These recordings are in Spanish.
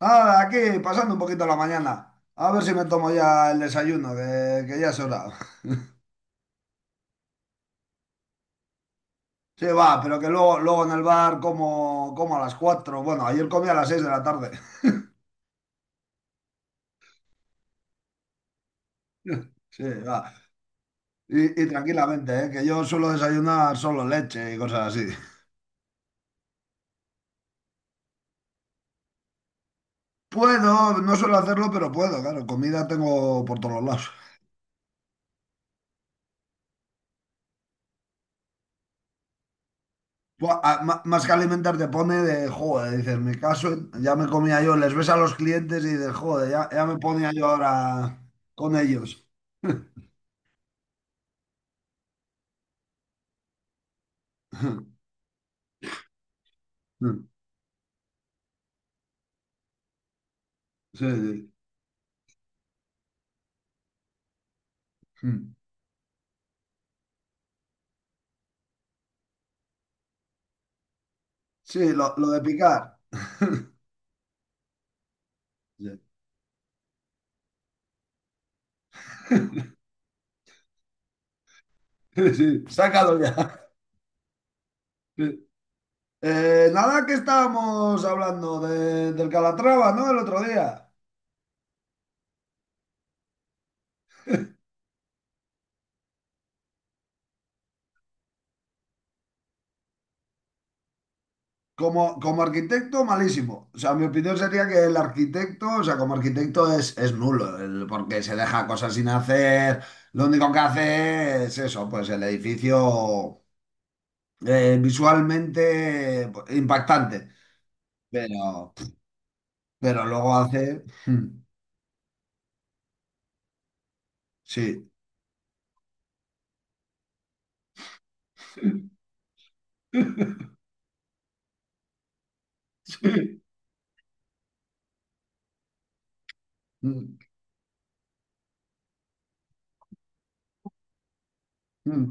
Ah, aquí, pasando un poquito la mañana. A ver si me tomo ya el desayuno, que ya es hora. Sí, va, pero que luego, luego en el bar como a las cuatro. Bueno, ayer comí a las seis de la tarde. Sí, va. Y tranquilamente, ¿eh? Que yo suelo desayunar solo leche y cosas así. Puedo, no suelo hacerlo, pero puedo, claro. Comida tengo por todos lados. Buah, Más que alimentar te pone de, joder, dices, mi caso, ya me comía yo, les ves a los clientes y dices, joder, ya, ya me ponía yo ahora con ellos. Mm, sí, sí. Mm. Sí, lo de picar. Sí, sí, sácalo ya. Sí. Nada que estábamos hablando del Calatrava, ¿no? El otro día. Como arquitecto, malísimo. O sea, mi opinión sería que el arquitecto, o sea, como arquitecto es nulo, porque se deja cosas sin hacer. Lo único que hace es eso, pues el edificio visualmente pues, impactante. Pero, pero luego hace... Sí. Mm, mm.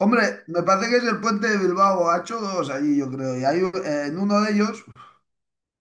Hombre, me parece que es el puente de Bilbao. Ha hecho dos allí, yo creo. Y hay, en uno de ellos,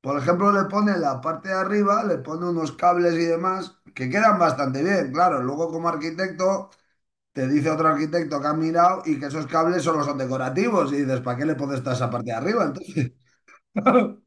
por ejemplo, le pone en la parte de arriba, le pone unos cables y demás que quedan bastante bien. Claro, luego como arquitecto, te dice otro arquitecto que ha mirado y que esos cables solo son decorativos. Y dices, ¿para qué le pones toda esa parte de arriba? Entonces,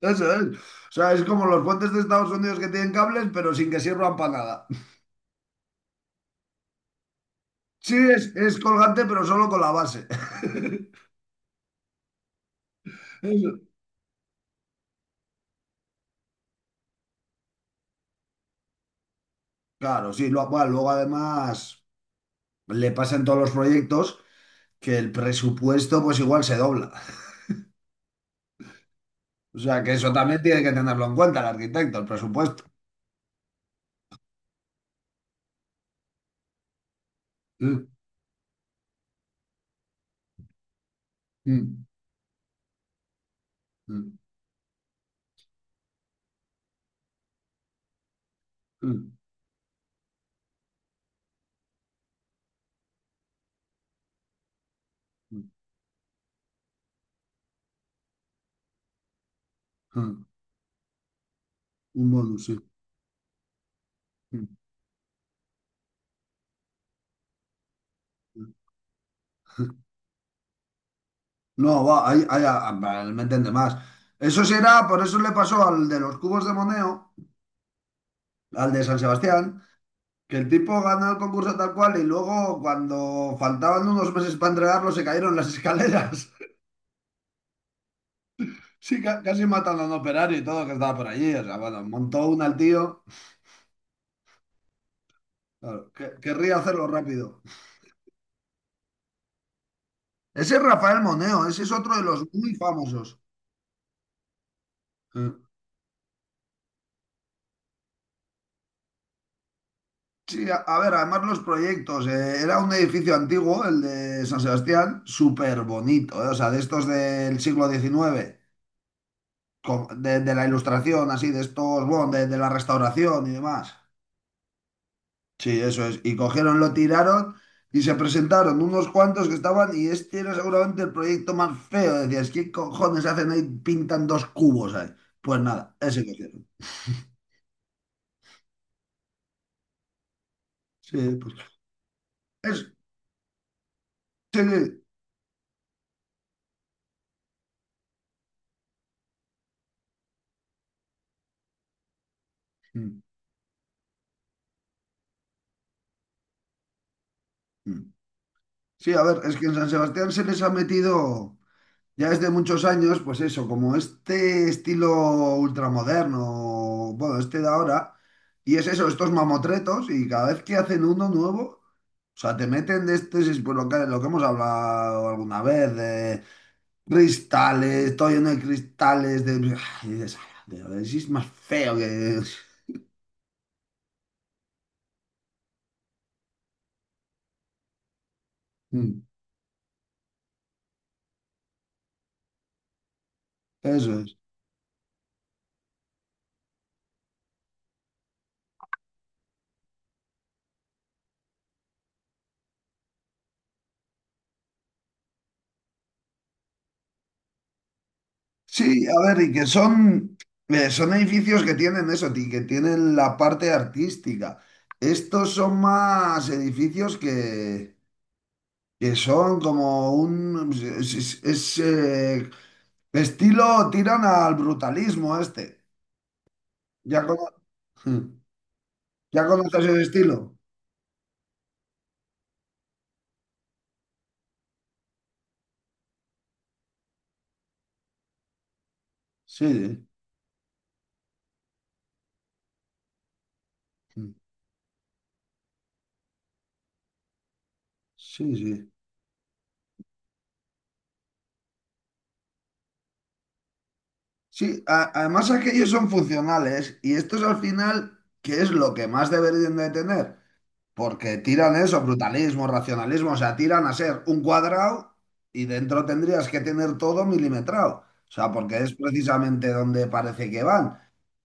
eso es. O sea, es como los puentes de Estados Unidos que tienen cables, pero sin que sirvan para nada. Sí, es colgante, pero solo con la base. Claro, sí, bueno, luego además le pasan todos los proyectos que el presupuesto pues igual se dobla. O sea que eso también tiene que tenerlo en cuenta el arquitecto, el presupuesto. Mm, mm, mm, mm, mm, mm. Un bonus, sí. Mm, mm. No, va, ahí, ahí, ah, ah, vale, me entiende más. Eso será, por eso le pasó al de los cubos de Moneo, al de San Sebastián, que el tipo ganó el concurso tal cual y luego cuando faltaban unos meses para entregarlo se cayeron las escaleras. Sí, casi matan a un operario y todo que estaba por allí. O sea, bueno, montó una al tío. Claro, querría hacerlo rápido. Ese es Rafael Moneo, ese es otro de los muy famosos. Eh, Sí, a ver, además los proyectos. Era un edificio antiguo, el de San Sebastián, súper bonito. O sea, de estos del siglo XIX, de la Ilustración, así, de estos, bueno, de la restauración y demás. Sí, eso es. Y cogieron, lo tiraron y se presentaron unos cuantos que estaban y este era seguramente el proyecto más feo. Decías, ¿qué cojones hacen ahí? Pintan dos cubos ahí. Pues nada, ese cogieron. Sí, pues. Es, sí, sí. Mm, mm. Sí, a ver, es que en San Sebastián se les ha metido. Ya desde muchos años, pues eso, como este estilo ultramoderno, bueno, este de ahora, y es eso, estos mamotretos, y cada vez que hacen uno nuevo, o sea, te meten de este, pues lo que hemos hablado alguna vez, de cristales, todo lleno de cristales, de... Y dices, "Ay, tío, si es más feo que... Eso es. Sí, a ver, y que son, son edificios que tienen eso, que tienen la parte artística. Estos son más edificios que son como un... estilo, tiran al brutalismo este. ¿Ya, cono- ¿Ya conoces el estilo? Sí, hmm, sí, sí. Sí, además aquellos son funcionales y estos al final, ¿qué es lo que más deberían de tener? Porque tiran eso, brutalismo, racionalismo, o sea, tiran a ser un cuadrado y dentro tendrías que tener todo milimetrado. O sea, porque es precisamente donde parece que van.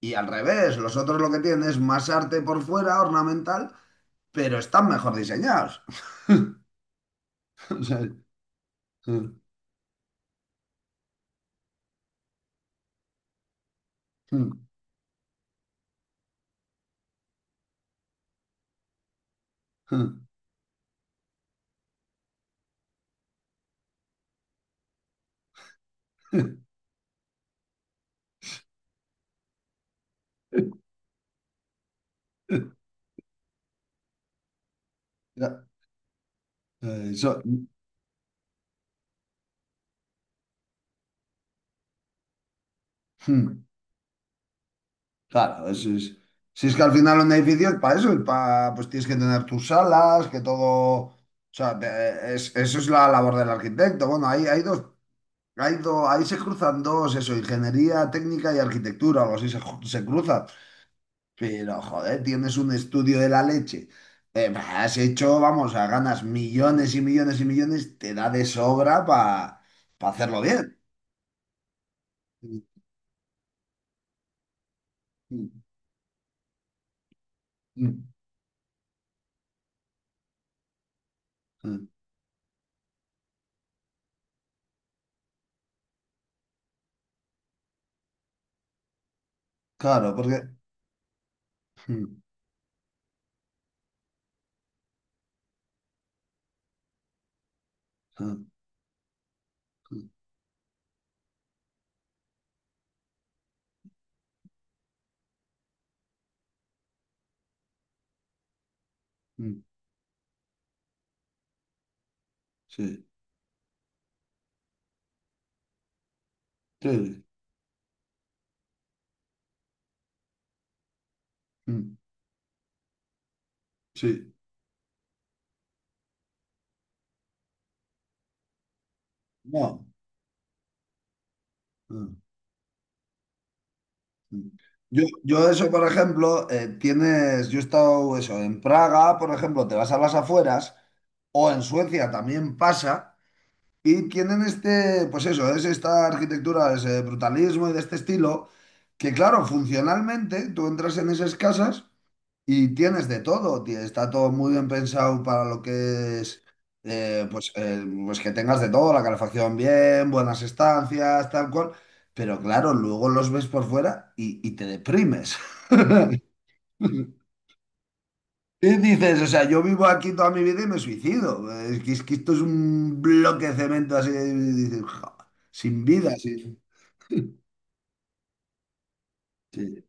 Y al revés, los otros lo que tienen es más arte por fuera, ornamental, pero están mejor diseñados. O sea, ya, eso. Mm, mm. Claro, si es que al final un edificio es para eso, es para, pues tienes que tener tus salas, que todo, o sea, eso es la labor del arquitecto. Bueno, hay dos, ahí se cruzan dos, eso, ingeniería técnica y arquitectura, algo así se cruzan. Pero, joder, tienes un estudio de la leche. Bah, has hecho, vamos, a ganas millones y millones y millones, te da de sobra para hacerlo bien. Mm, mm, mm, mm. Claro, porque... Mm, mm, mm, mm, sí. Sí, mm, sí, no. Mm, mm. Yo eso, por ejemplo, tienes, yo he estado eso, en Praga, por ejemplo, te vas a las afueras, o en Suecia también pasa, y tienen este, pues eso, es esta arquitectura, ese brutalismo y de este estilo, que claro, funcionalmente tú entras en esas casas. Y tienes de todo, está todo muy bien pensado para lo que es, pues que tengas de todo, la calefacción bien, buenas estancias, tal cual, pero claro, luego los ves por fuera y te deprimes. Y dices, o sea, yo vivo aquí toda mi vida y me suicido. Es que esto es un bloque de cemento así, y dices, "Ja, sin vida, sin... Sí.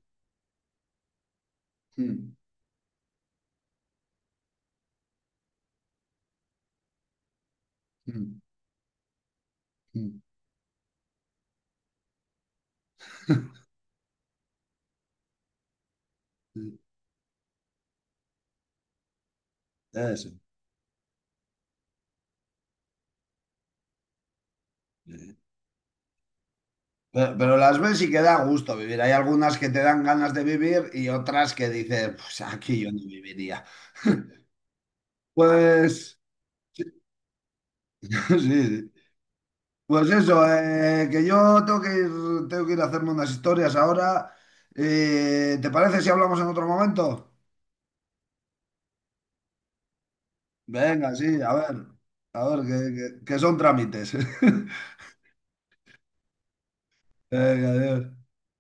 Mm, mm, mm". Eso. Sí. Pero las ves y que da gusto vivir. Hay algunas que te dan ganas de vivir y otras que dices, pues aquí yo no viviría. Pues, sí, sí. Pues eso, que yo tengo que ir a hacerme unas historias ahora. ¿Te parece si hablamos en otro momento? Venga, sí, a ver, que son trámites. Venga, adiós.